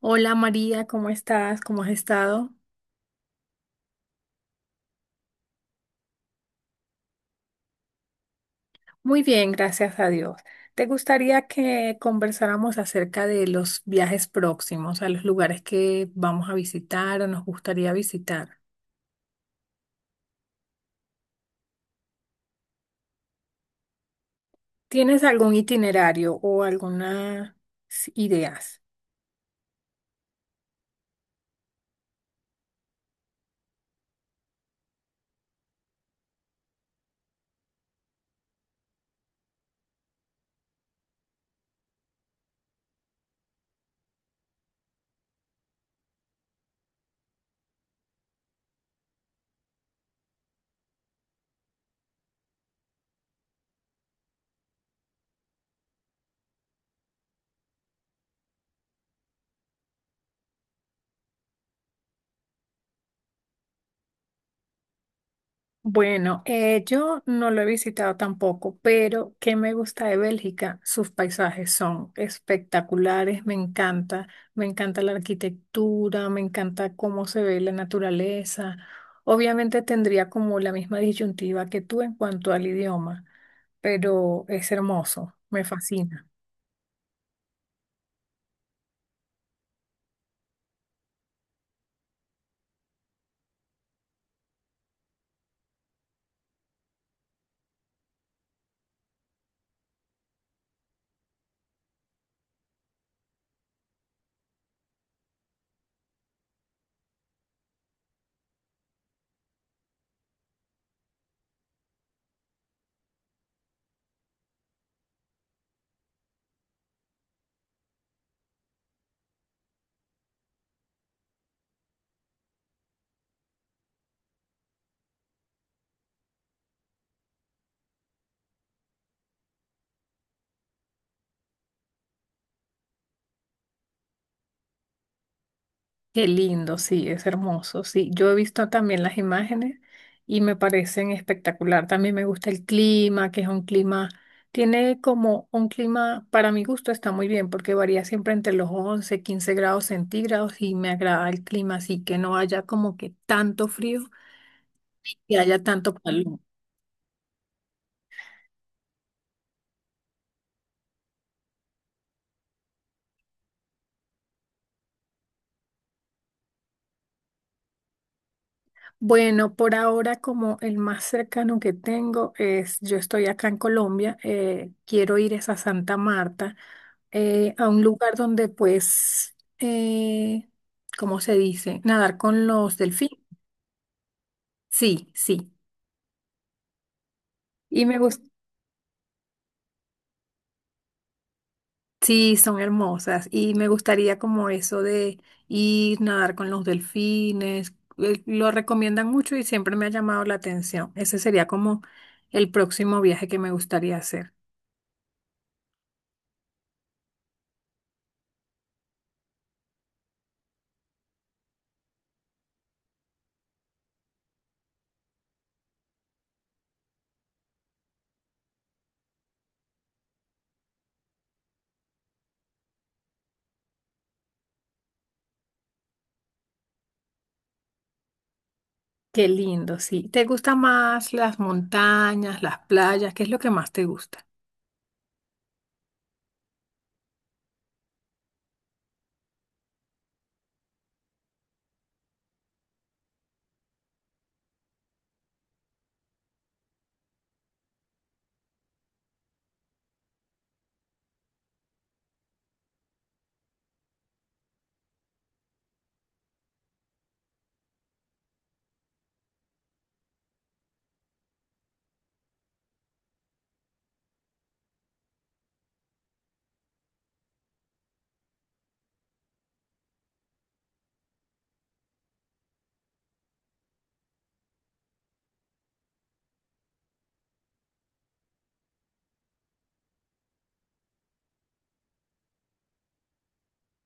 Hola María, ¿cómo estás? ¿Cómo has estado? Muy bien, gracias a Dios. ¿Te gustaría que conversáramos acerca de los viajes próximos, a los lugares que vamos a visitar o nos gustaría visitar? ¿Tienes algún itinerario o algunas ideas? Bueno, yo no lo he visitado tampoco, pero ¿qué me gusta de Bélgica? Sus paisajes son espectaculares, me encanta la arquitectura, me encanta cómo se ve la naturaleza. Obviamente tendría como la misma disyuntiva que tú en cuanto al idioma, pero es hermoso, me fascina. Qué lindo, sí, es hermoso. Sí, yo he visto también las imágenes y me parecen espectacular. También me gusta el clima, que es un clima, tiene como un clima, para mi gusto está muy bien, porque varía siempre entre los 11 15 grados centígrados y me agrada el clima, así que no haya como que tanto frío y haya tanto calor. Bueno, por ahora como el más cercano que tengo es, yo estoy acá en Colombia, quiero ir es a Santa Marta, a un lugar donde pues, ¿cómo se dice? Nadar con los delfines. Sí, sí. Y me gusta, sí, son hermosas. Y me gustaría como eso de ir, nadar con los delfines. Lo recomiendan mucho y siempre me ha llamado la atención. Ese sería como el próximo viaje que me gustaría hacer. Qué lindo, sí. ¿Te gustan más las montañas, las playas? ¿Qué es lo que más te gusta?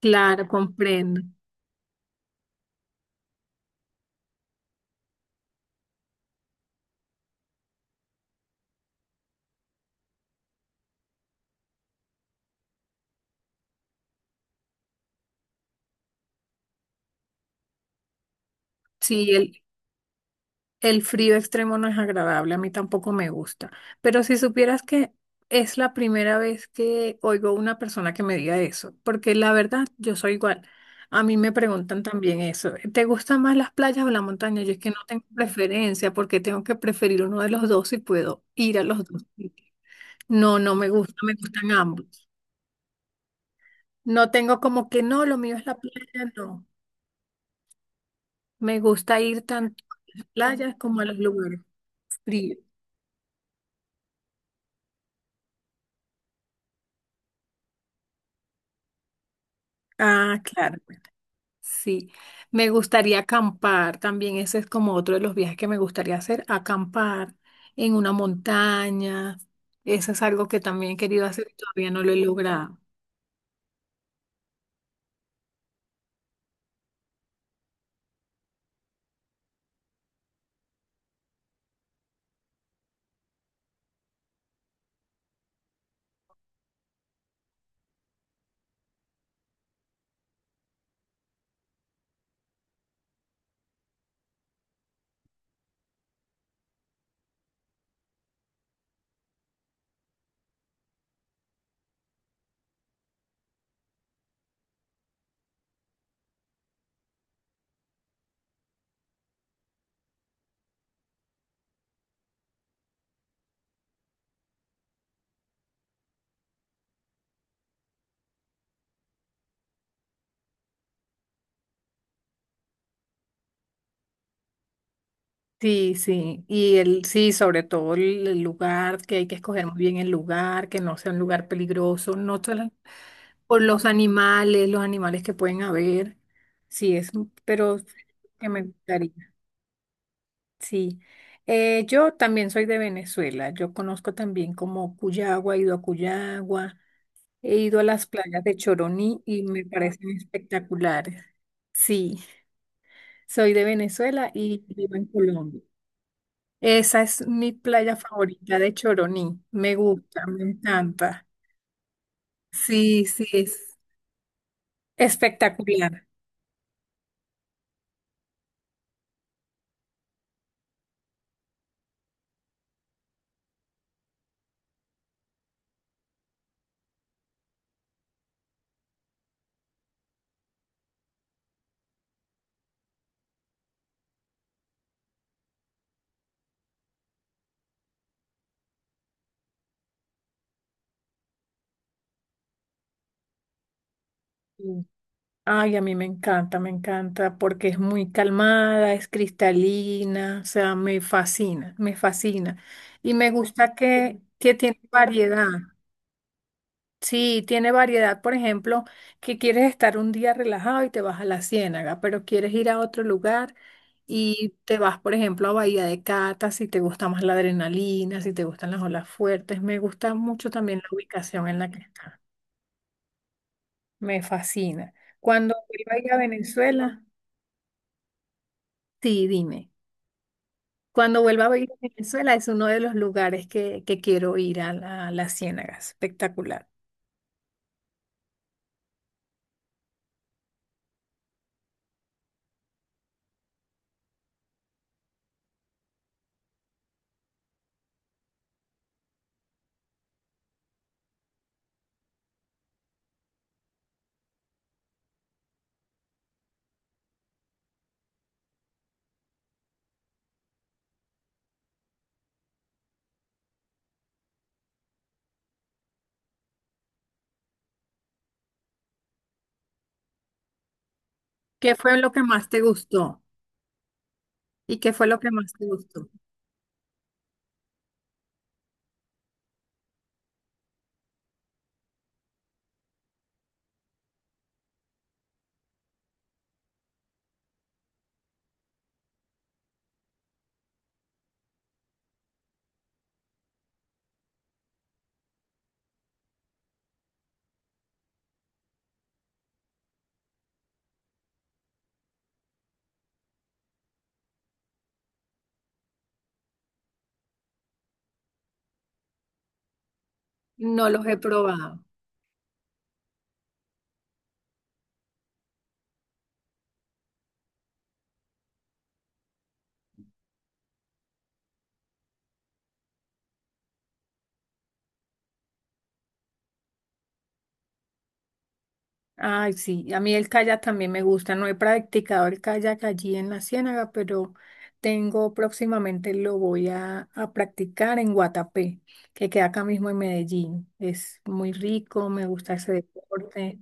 Claro, comprendo. Sí, el, el frío extremo no es agradable, a mí tampoco me gusta. Pero si supieras que es la primera vez que oigo una persona que me diga eso, porque la verdad yo soy igual. A mí me preguntan también eso. ¿Te gustan más las playas o la montaña? Yo es que no tengo preferencia porque tengo que preferir uno de los dos si puedo ir a los dos sitios. No, no me gusta, me gustan ambos. No tengo como que no, lo mío es la playa, no. Me gusta ir tanto a las playas como a los lugares fríos. Ah, claro. Bueno, sí, me gustaría acampar también. Ese es como otro de los viajes que me gustaría hacer, acampar en una montaña. Eso es algo que también he querido hacer y todavía no lo he logrado. Sí, sí, sí, sobre todo el lugar, que hay que escoger muy bien el lugar, que no sea un lugar peligroso, no solo por los animales que pueden haber, sí, es, pero que me gustaría, sí. Yo también soy de Venezuela, yo conozco también como Cuyagua, he ido a Cuyagua, he ido a las playas de Choroní y me parecen espectaculares, sí, soy de Venezuela y vivo en Colombia. Esa es mi playa favorita de Choroní. Me gusta, me encanta. Sí, sí, es espectacular. Sí. Ay, a mí me encanta porque es muy calmada, es cristalina, o sea, me fascina, me fascina. Y me gusta que tiene variedad. Sí, tiene variedad, por ejemplo, que quieres estar un día relajado y te vas a la Ciénaga, pero quieres ir a otro lugar y te vas, por ejemplo, a Bahía de Cata, si te gusta más la adrenalina, si te gustan las olas fuertes. Me gusta mucho también la ubicación en la que está. Me fascina. Cuando vuelva a ir a Venezuela, sí, dime. Cuando vuelva a ir a Venezuela es uno de los lugares que quiero ir a a la Ciénaga. Espectacular. ¿Qué fue lo que más te gustó? ¿Y qué fue lo que más te gustó? No los he probado. Ay, sí, a mí el kayak también me gusta. No he practicado el kayak allí en la Ciénaga, pero tengo próximamente lo voy a practicar en Guatapé, que queda acá mismo en Medellín. Es muy rico, me gusta ese deporte.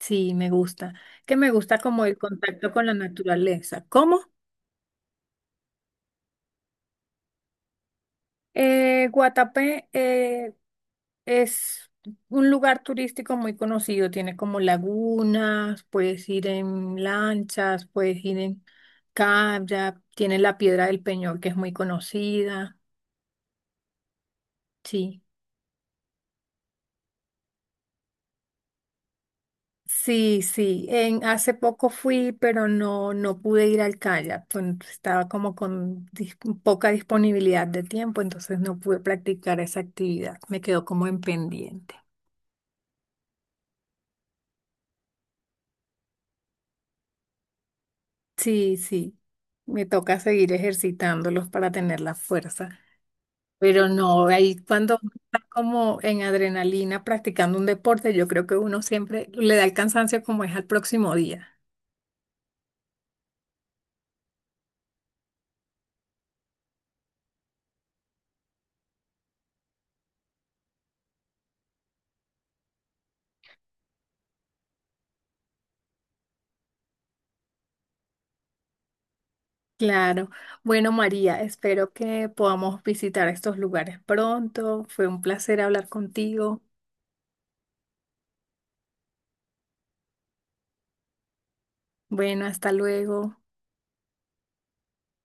Sí, me gusta. Que me gusta como el contacto con la naturaleza. ¿Cómo? Guatapé, es un lugar turístico muy conocido, tiene como lagunas, puedes ir en lanchas, puedes ir en kayak, tiene la Piedra del Peñol que es muy conocida. Sí. Sí, sí, en, hace poco fui, pero no, no pude ir al kayak, pues, estaba como con poca disponibilidad de tiempo, entonces no pude practicar esa actividad, me quedó como en pendiente. Sí, sí, me toca seguir ejercitándolos para tener la fuerza. Pero no, ahí cuando uno está como en adrenalina practicando un deporte, yo creo que uno siempre le da el cansancio como es al próximo día. Claro. Bueno, María, espero que podamos visitar estos lugares pronto. Fue un placer hablar contigo. Bueno, hasta luego.